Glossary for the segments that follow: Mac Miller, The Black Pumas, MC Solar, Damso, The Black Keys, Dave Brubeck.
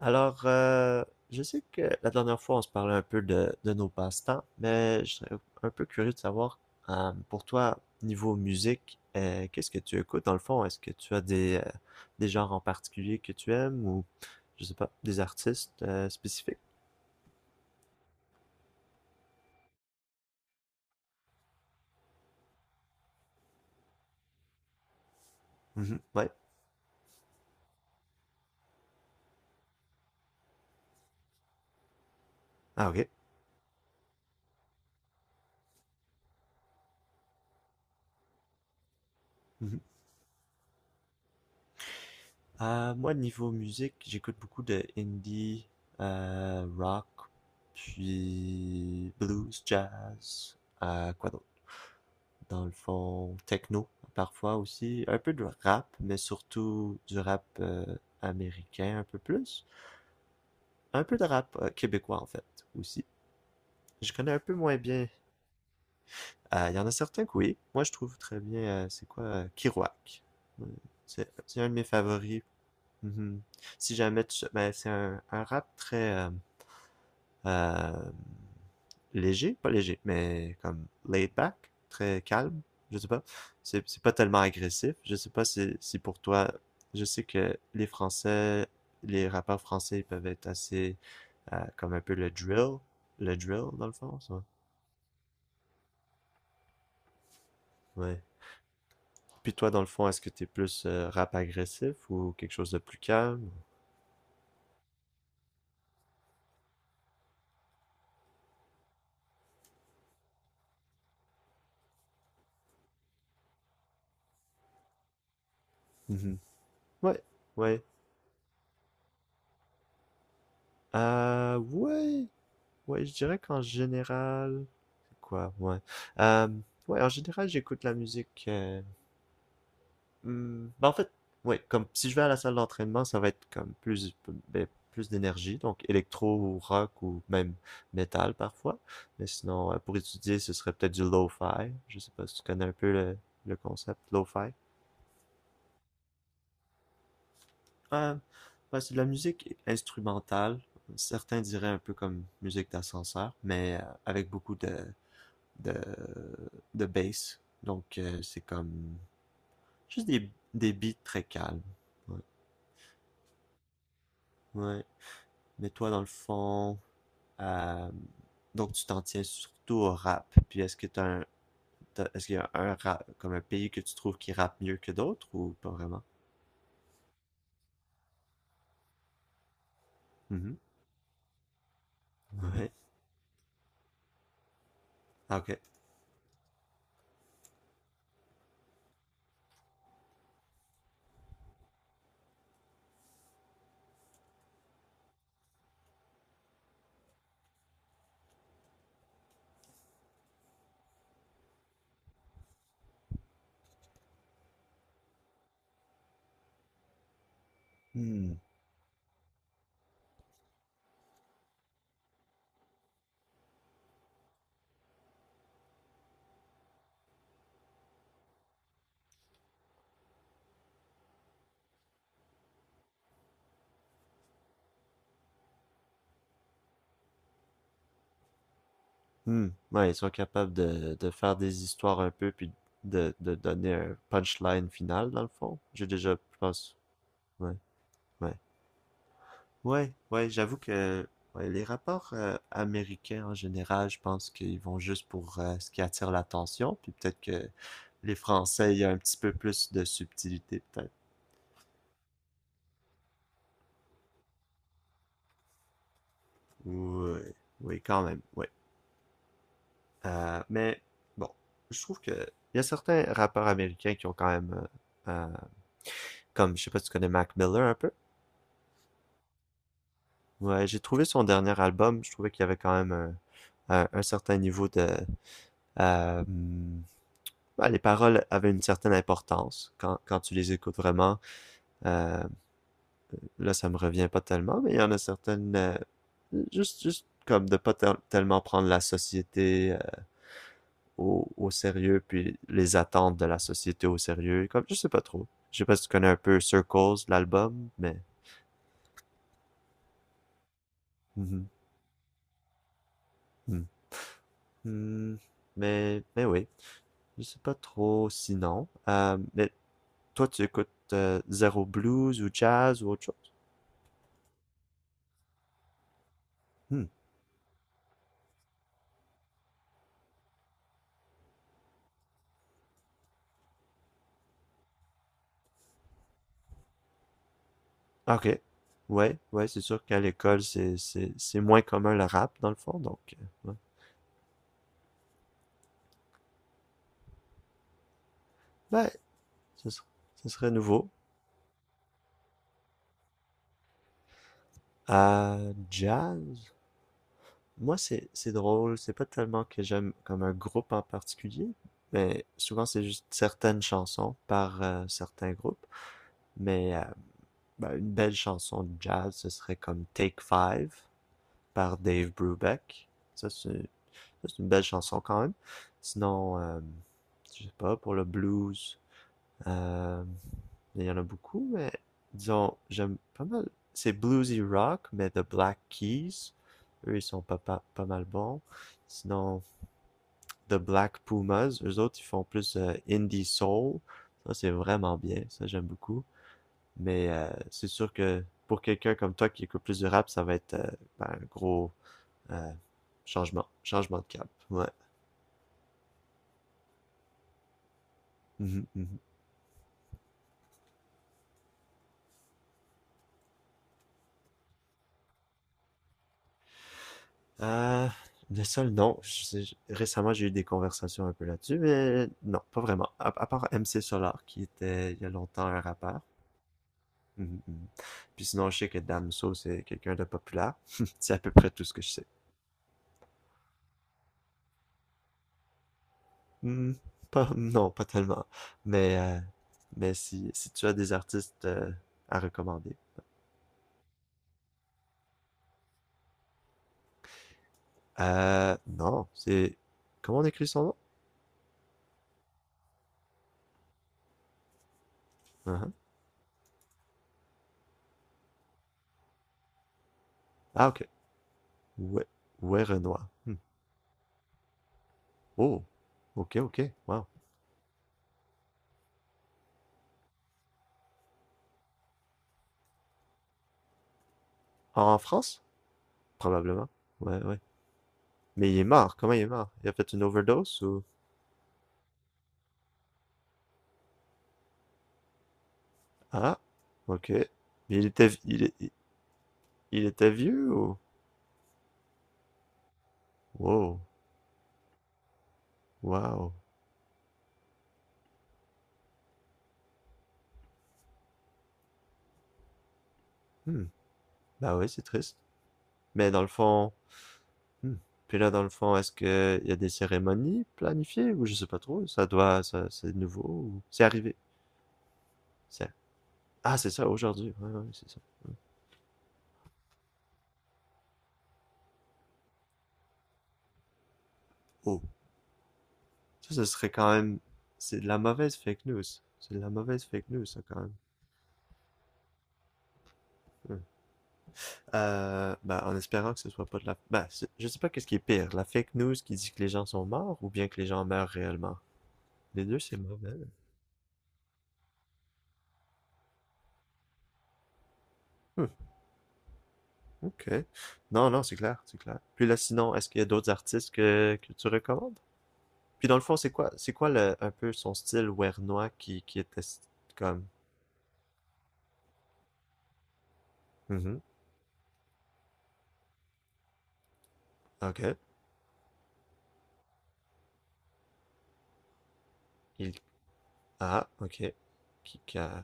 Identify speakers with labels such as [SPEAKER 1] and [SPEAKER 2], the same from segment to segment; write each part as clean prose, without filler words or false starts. [SPEAKER 1] Alors, euh, je sais que la dernière fois, on se parlait un peu de nos passe-temps, mais je serais un peu curieux de savoir, pour toi, niveau musique, qu'est-ce que tu écoutes dans le fond? Est-ce que tu as des des genres en particulier que tu aimes ou, je sais pas, des artistes spécifiques? Mhm. Ouais. Ah, ok. Mhm. Moi, niveau musique, j'écoute beaucoup de indie, rock, puis blues, jazz, quoi d'autre? Dans le fond, techno parfois aussi, un peu de rap, mais surtout du rap américain un peu plus, un peu de rap québécois en fait aussi. Je connais un peu moins bien. Il y en a certains que oui. Moi, je trouve très bien, c'est quoi, Kerouac. Euh, c'est un de mes favoris. Mhm. Si jamais tu... Ben, c'est un rap très... euh, léger, pas léger, mais comme laid back, très calme. Je sais pas. C'est pas tellement agressif. Je sais pas si, si pour toi, je sais que les Français, les rappeurs français ils peuvent être assez comme un peu le drill dans le fond, ça. Ouais. Puis toi, dans le fond, est-ce que t'es plus rap agressif ou quelque chose de plus calme? Mhm. Ouais, ouais. Euh, ouais, ouais, je dirais qu'en général, quoi, ouais. Euh, ouais, en général, j'écoute la musique. Ben, en fait, ouais, comme si je vais à la salle d'entraînement, ça va être comme plus, ben, plus d'énergie, donc électro ou rock ou même métal parfois. Mais sinon, pour étudier, ce serait peut-être du lo-fi. Je sais pas si tu connais un peu le concept lo-fi. Euh, ouais, c'est de la musique instrumentale. Certains diraient un peu comme musique d'ascenseur, mais avec beaucoup de, de bass. Donc, c'est comme juste des beats très calmes. Ouais. Ouais. Mais toi, dans le fond, euh, donc tu t'en tiens surtout au rap. Puis est-ce que est-ce qu'il y a un rap, comme un pays que tu trouves qui rappe mieux que d'autres ou pas vraiment? Mhm. Ouais. Ah, ok. Hmm. Hmm. Ouais, ils sont capables de faire des histoires un peu, puis de donner un punchline final, dans le fond. J'ai déjà, je pense. Ouais, ouais. Ouais, ouais, j'avoue que ouais, les rapports américains en général, je pense qu'ils vont juste pour ce qui attire l'attention, puis peut-être que les Français, il y a un petit peu plus de subtilité, peut-être. Oui, oui, quand même, oui. Mais bon, je trouve que il y a certains rappeurs américains qui ont quand même, euh, euh, comme je sais pas si tu connais Mac Miller un peu. Ouais, j'ai trouvé son dernier album, je trouvais qu'il y avait quand même un certain niveau de euh, hmm, ben, les paroles avaient une certaine importance quand tu les écoutes vraiment. Euh, là, ça me revient pas tellement, mais il y en a certaines, euh, juste comme de pas tellement prendre la société euh, au sérieux, puis les attentes de la société au sérieux. Comme, je sais pas trop. Je sais pas si tu connais un peu Circles, l'album, mais. Mhm. Mhm. Mhm. Mais oui, je sais pas trop sinon. Mais toi, tu écoutes zéro blues ou jazz ou autre chose? Hmm. Ah, ok. Ouais, ouais, c'est sûr qu'à l'école, c'est moins commun le rap, dans le fond, donc, ouais. Ben, ce serait, ce serait nouveau. Jazz? Moi, c'est drôle, c'est pas tellement que j'aime comme un groupe en particulier, mais souvent, c'est juste certaines chansons par certains groupes, mais ben, une belle chanson de jazz, ce serait comme Take Five par Dave Brubeck. Ça, c'est, ça, c'est une belle chanson quand même. Sinon, je sais pas, pour le blues, Euh, il y en a beaucoup, mais disons, j'aime pas mal. C'est bluesy rock, mais The Black Keys, eux, ils sont pas mal bons. Sinon, The Black Pumas, eux autres, ils font plus indie soul. Ça, c'est vraiment bien. Ça, j'aime beaucoup. Mais c'est sûr que pour quelqu'un comme toi qui écoute plus de rap, ça va être ben, un gros euh, changement de cap. Ouais. Mhm, mhm. Euh, le sol, non. Je- Récemment, j'ai eu des conversations un peu là-dessus, mais non, pas vraiment. À part MC Solar, qui était il y a longtemps un rappeur. Mhm, mhm. Puis sinon, je sais que Damso, c'est quelqu'un de populaire. C'est à peu près tout ce que je sais. Hmm, pas, non, pas tellement. Mais, euh, mais si, si tu as des artistes à recommander. Non, c'est... Comment on écrit son nom? Uh-huh. Ah, ok. Ouais, ouais, Renoir. Hmm. Oh, ok, ok. Wow. En France? Probablement. Ouais, ouais. Mais il est mort. Comment il est mort? Il a fait une overdose ou... Ah, ok. Mais il était, il, est- il était vieux ou... Wow, wow. Hmm. Bah oui, c'est triste. Mais dans le fond... hmm. Puis là, dans le fond, est-ce que il y a des cérémonies planifiées ou je sais pas trop? Ça doit... Ça, c'est nouveau ou... C'est arrivé. C'est- Ah, c'est ça, aujourd'hui. Ouais, ouais, c'est ça. Oh. Ça, ce serait quand même... C'est de la mauvaise fake news. C'est de la mauvaise fake news, ça, quand même. Ouais. Bah, en espérant que ce soit pas de la... je sais pas qu'est-ce qui est pire, la fake news qui dit que les gens sont morts ou bien que les gens meurent réellement. Les deux, c'est mauvais. Hmm, ok. Non, non, c'est clair, c'est clair. Puis là, sinon, est-ce qu'il y a d'autres artistes que tu recommandes? Puis dans le fond, c'est quoi un peu son style wernois qui était s- comme... Mhm, ok. Il... Ah, ok. Qui a...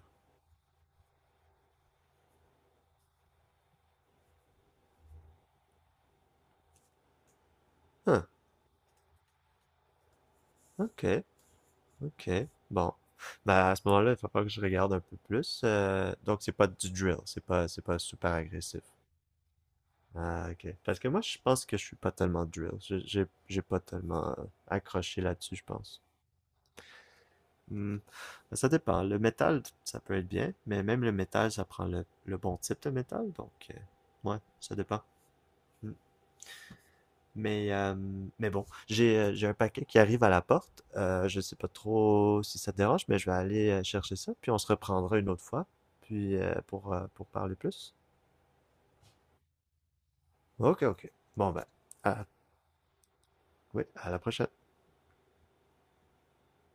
[SPEAKER 1] Huh, ok. Ok, bon. Bah, à ce moment-là, il va falloir que je regarde un peu plus. Donc, c'est pas du drill, c'est pas super agressif. Ah, ok. Parce que moi, je pense que je suis pas tellement drill. J'ai pas tellement accroché là-dessus, je pense. Hmm. Ben, ça dépend. Le métal, ça peut être bien, mais même le métal, ça prend le bon type de métal, donc, ouais, ça dépend. Hmm. Mais, euh, mais bon, j'ai un paquet qui arrive à la porte. Je sais pas trop si ça te dérange, mais je vais aller chercher ça, puis on se reprendra une autre fois, puis pour parler plus. Ok, ok. Bon ben, à- oui, à la prochaine.